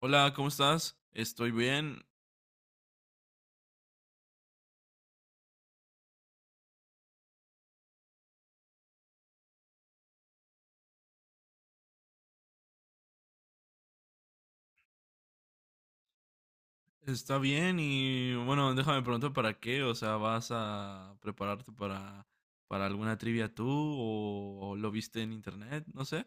Hola, ¿cómo estás? Estoy bien, está bien. Y bueno, déjame preguntar para qué, o sea, ¿vas a prepararte para alguna trivia tú o lo viste en internet? No sé,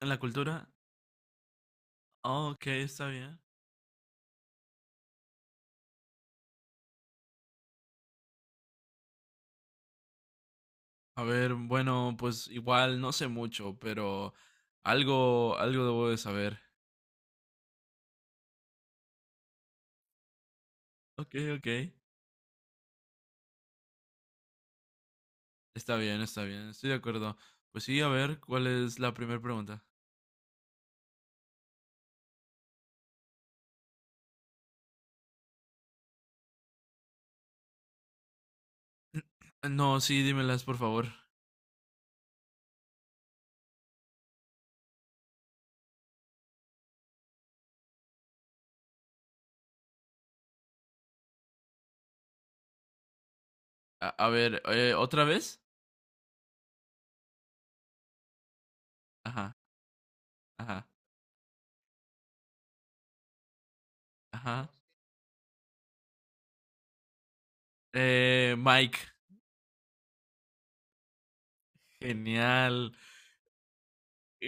en la cultura. Ah, ok, está bien. A ver, bueno, pues igual no sé mucho, pero algo, algo debo de saber. Ok, ok, está bien, estoy de acuerdo. Pues sí, a ver, ¿cuál es la primera pregunta? No, sí, dímelas, por favor. A ver, ¿otra vez? Ajá. Ajá, ajá. Mike, genial,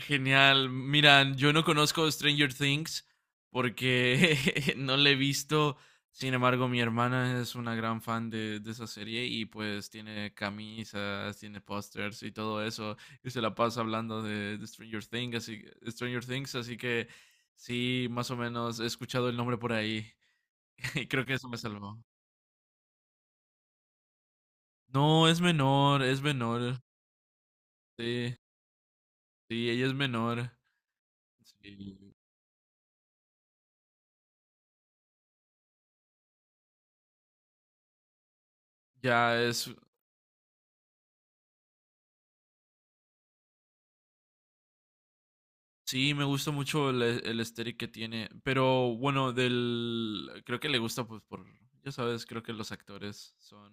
genial. Miran, yo no conozco Stranger Things porque no le he visto. Sin embargo, mi hermana es una gran fan de esa serie y pues tiene camisas, tiene pósters y todo eso. Y se la pasa hablando de Stranger Things, así que sí, más o menos he escuchado el nombre por ahí. Y creo que eso me salvó. No, es menor, es menor. Sí, sí, ella es menor. Sí, ya es, sí, me gusta mucho el aesthetic que tiene, pero bueno, del, creo que le gusta pues por, ya sabes, creo que los actores son,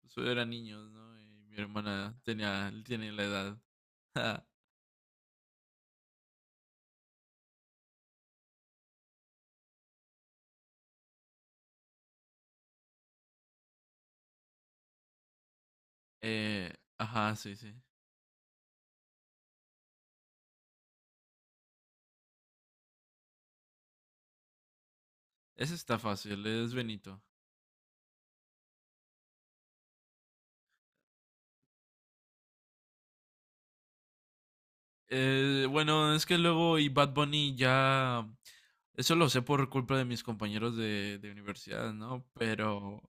pues, eran niños, ¿no? Y mi hermana tenía, tiene la edad. Eh, ajá, sí, sí. Ese está fácil, es Benito. Bueno, es que luego y Bad Bunny ya, eso lo sé por culpa de mis compañeros de universidad, ¿no? Pero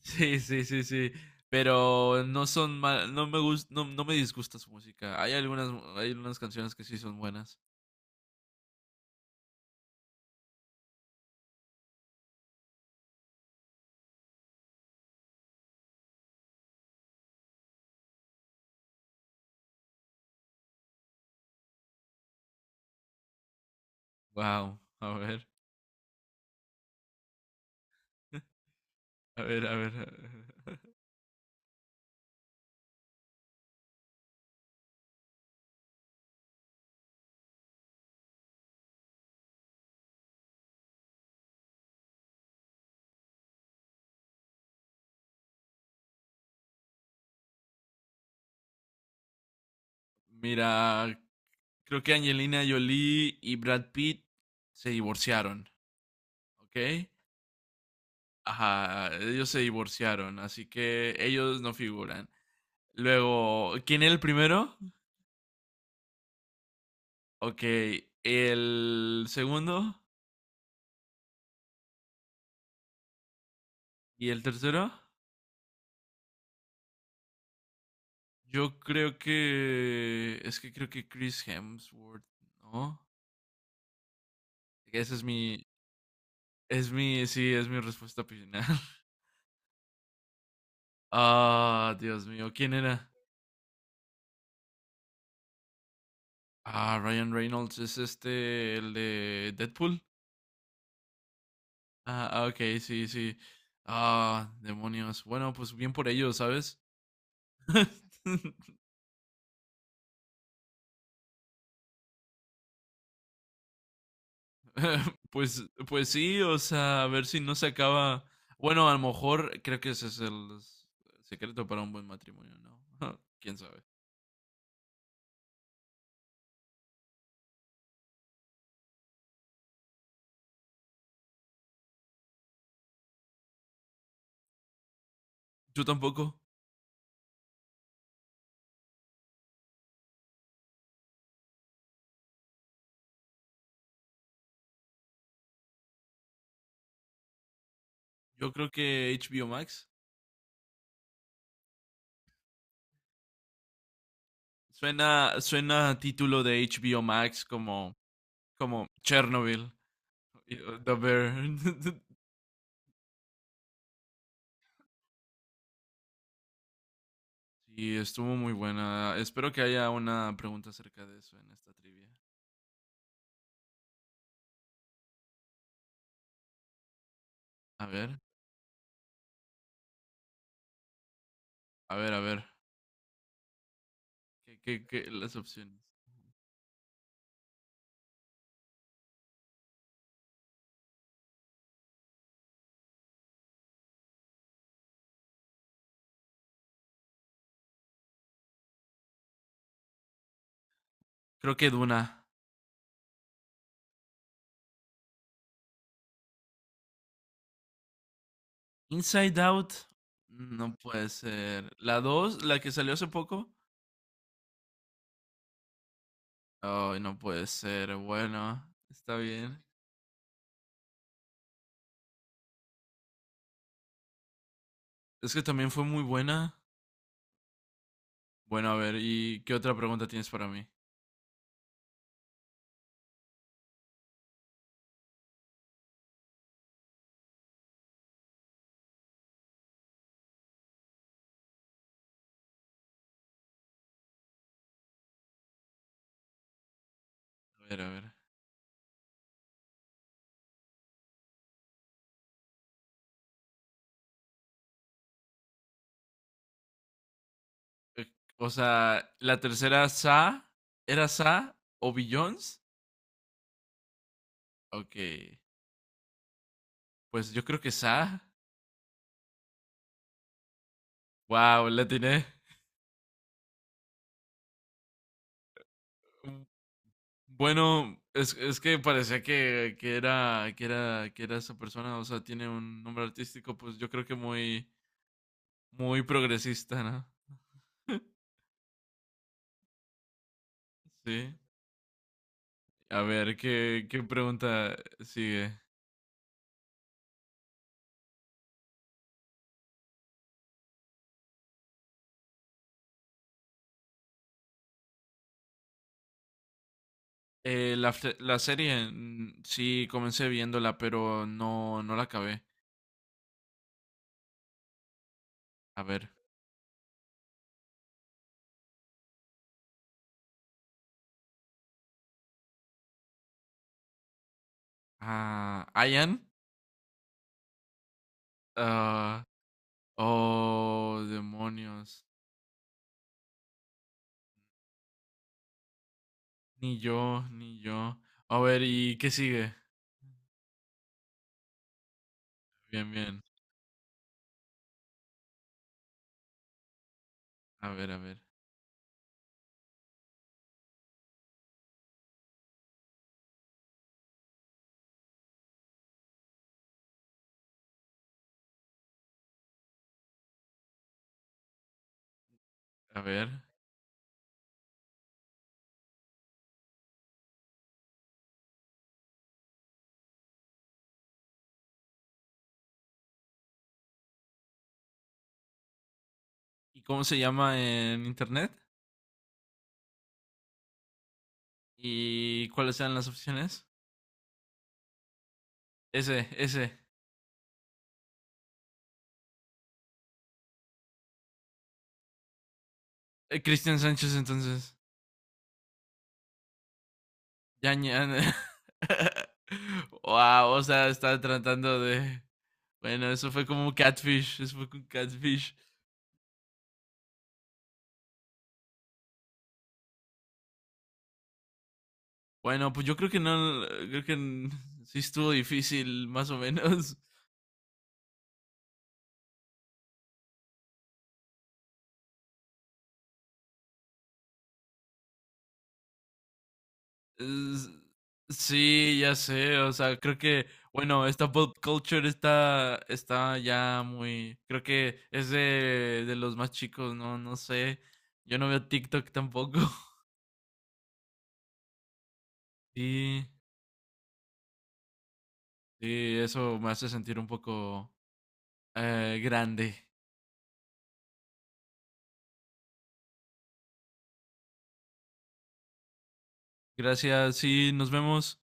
sí, sí, sí, sí. Pero no son mal, no, no me disgusta su música. Hay algunas canciones que sí son buenas. Wow, a ver, a ver, a ver. A ver. Mira, creo que Angelina Jolie y Brad Pitt se divorciaron, ¿ok? Ajá, ellos se divorciaron, así que ellos no figuran. Luego, ¿quién era el primero? Ok, el segundo y el tercero. Yo creo que es que Creo que Chris Hemsworth, ¿no? Esa es mi, sí, es mi respuesta final. Ah, Dios mío, ¿quién era? Ah, Ryan Reynolds es este, el de Deadpool. Ah, ah, ok, sí, sí. Ah, demonios. Bueno, pues bien por ellos, ¿sabes? Pues, pues sí, o sea, a ver si no se acaba. Bueno, a lo mejor creo que ese es el secreto para un buen matrimonio, ¿no? ¿Quién sabe? Yo tampoco. Yo creo que HBO Max. Suena, suena a título de HBO Max, como como Chernobyl. The Bear. Y estuvo muy buena. Espero que haya una pregunta acerca de eso en esta trivia. A ver, a ver, a ver. ¿Qué, qué, qué- las opciones? Creo que Duna. Inside Out. No puede ser. La dos, la que salió hace poco. Ay, no puede ser. Bueno, está bien. Es que también fue muy buena. Bueno, a ver, ¿y qué otra pregunta tienes para mí? A ver, a ver. Eh, O sea, la tercera Sa, ¿era Sa o Billions? Ok, pues yo creo que Sa. Wow, la atiné. Mm, Bueno, es que parecía que era esa persona, o sea, tiene un nombre artístico, pues yo creo que muy, muy progresista, ¿no? Sí. A ver, ¿qué, qué pregunta sigue? La, fe- la serie sí comencé viéndola, pero no, no la acabé. A ver. Ah, Ian. Ah, oh, demonios. Ni yo, ni yo. A ver, ¿y qué sigue? Bien, bien. A ver, a ver, a ver. ¿Y cómo se llama en internet? ¿Y cuáles eran las opciones? Ese, ese. Cristian Sánchez, entonces. Ya, ña- Wow, o sea, está tratando de. Bueno, eso fue como un catfish. Eso fue como un catfish. Bueno, pues yo creo que no. Creo que n- sí estuvo difícil, más o menos. Es- sí, ya sé. O sea, creo que. Bueno, esta pop culture está. Está ya muy. Creo que es de los más chicos, ¿no? No sé. Yo no veo TikTok tampoco. Sí. Sí, eso me hace sentir un poco, grande. Gracias. Sí, nos vemos.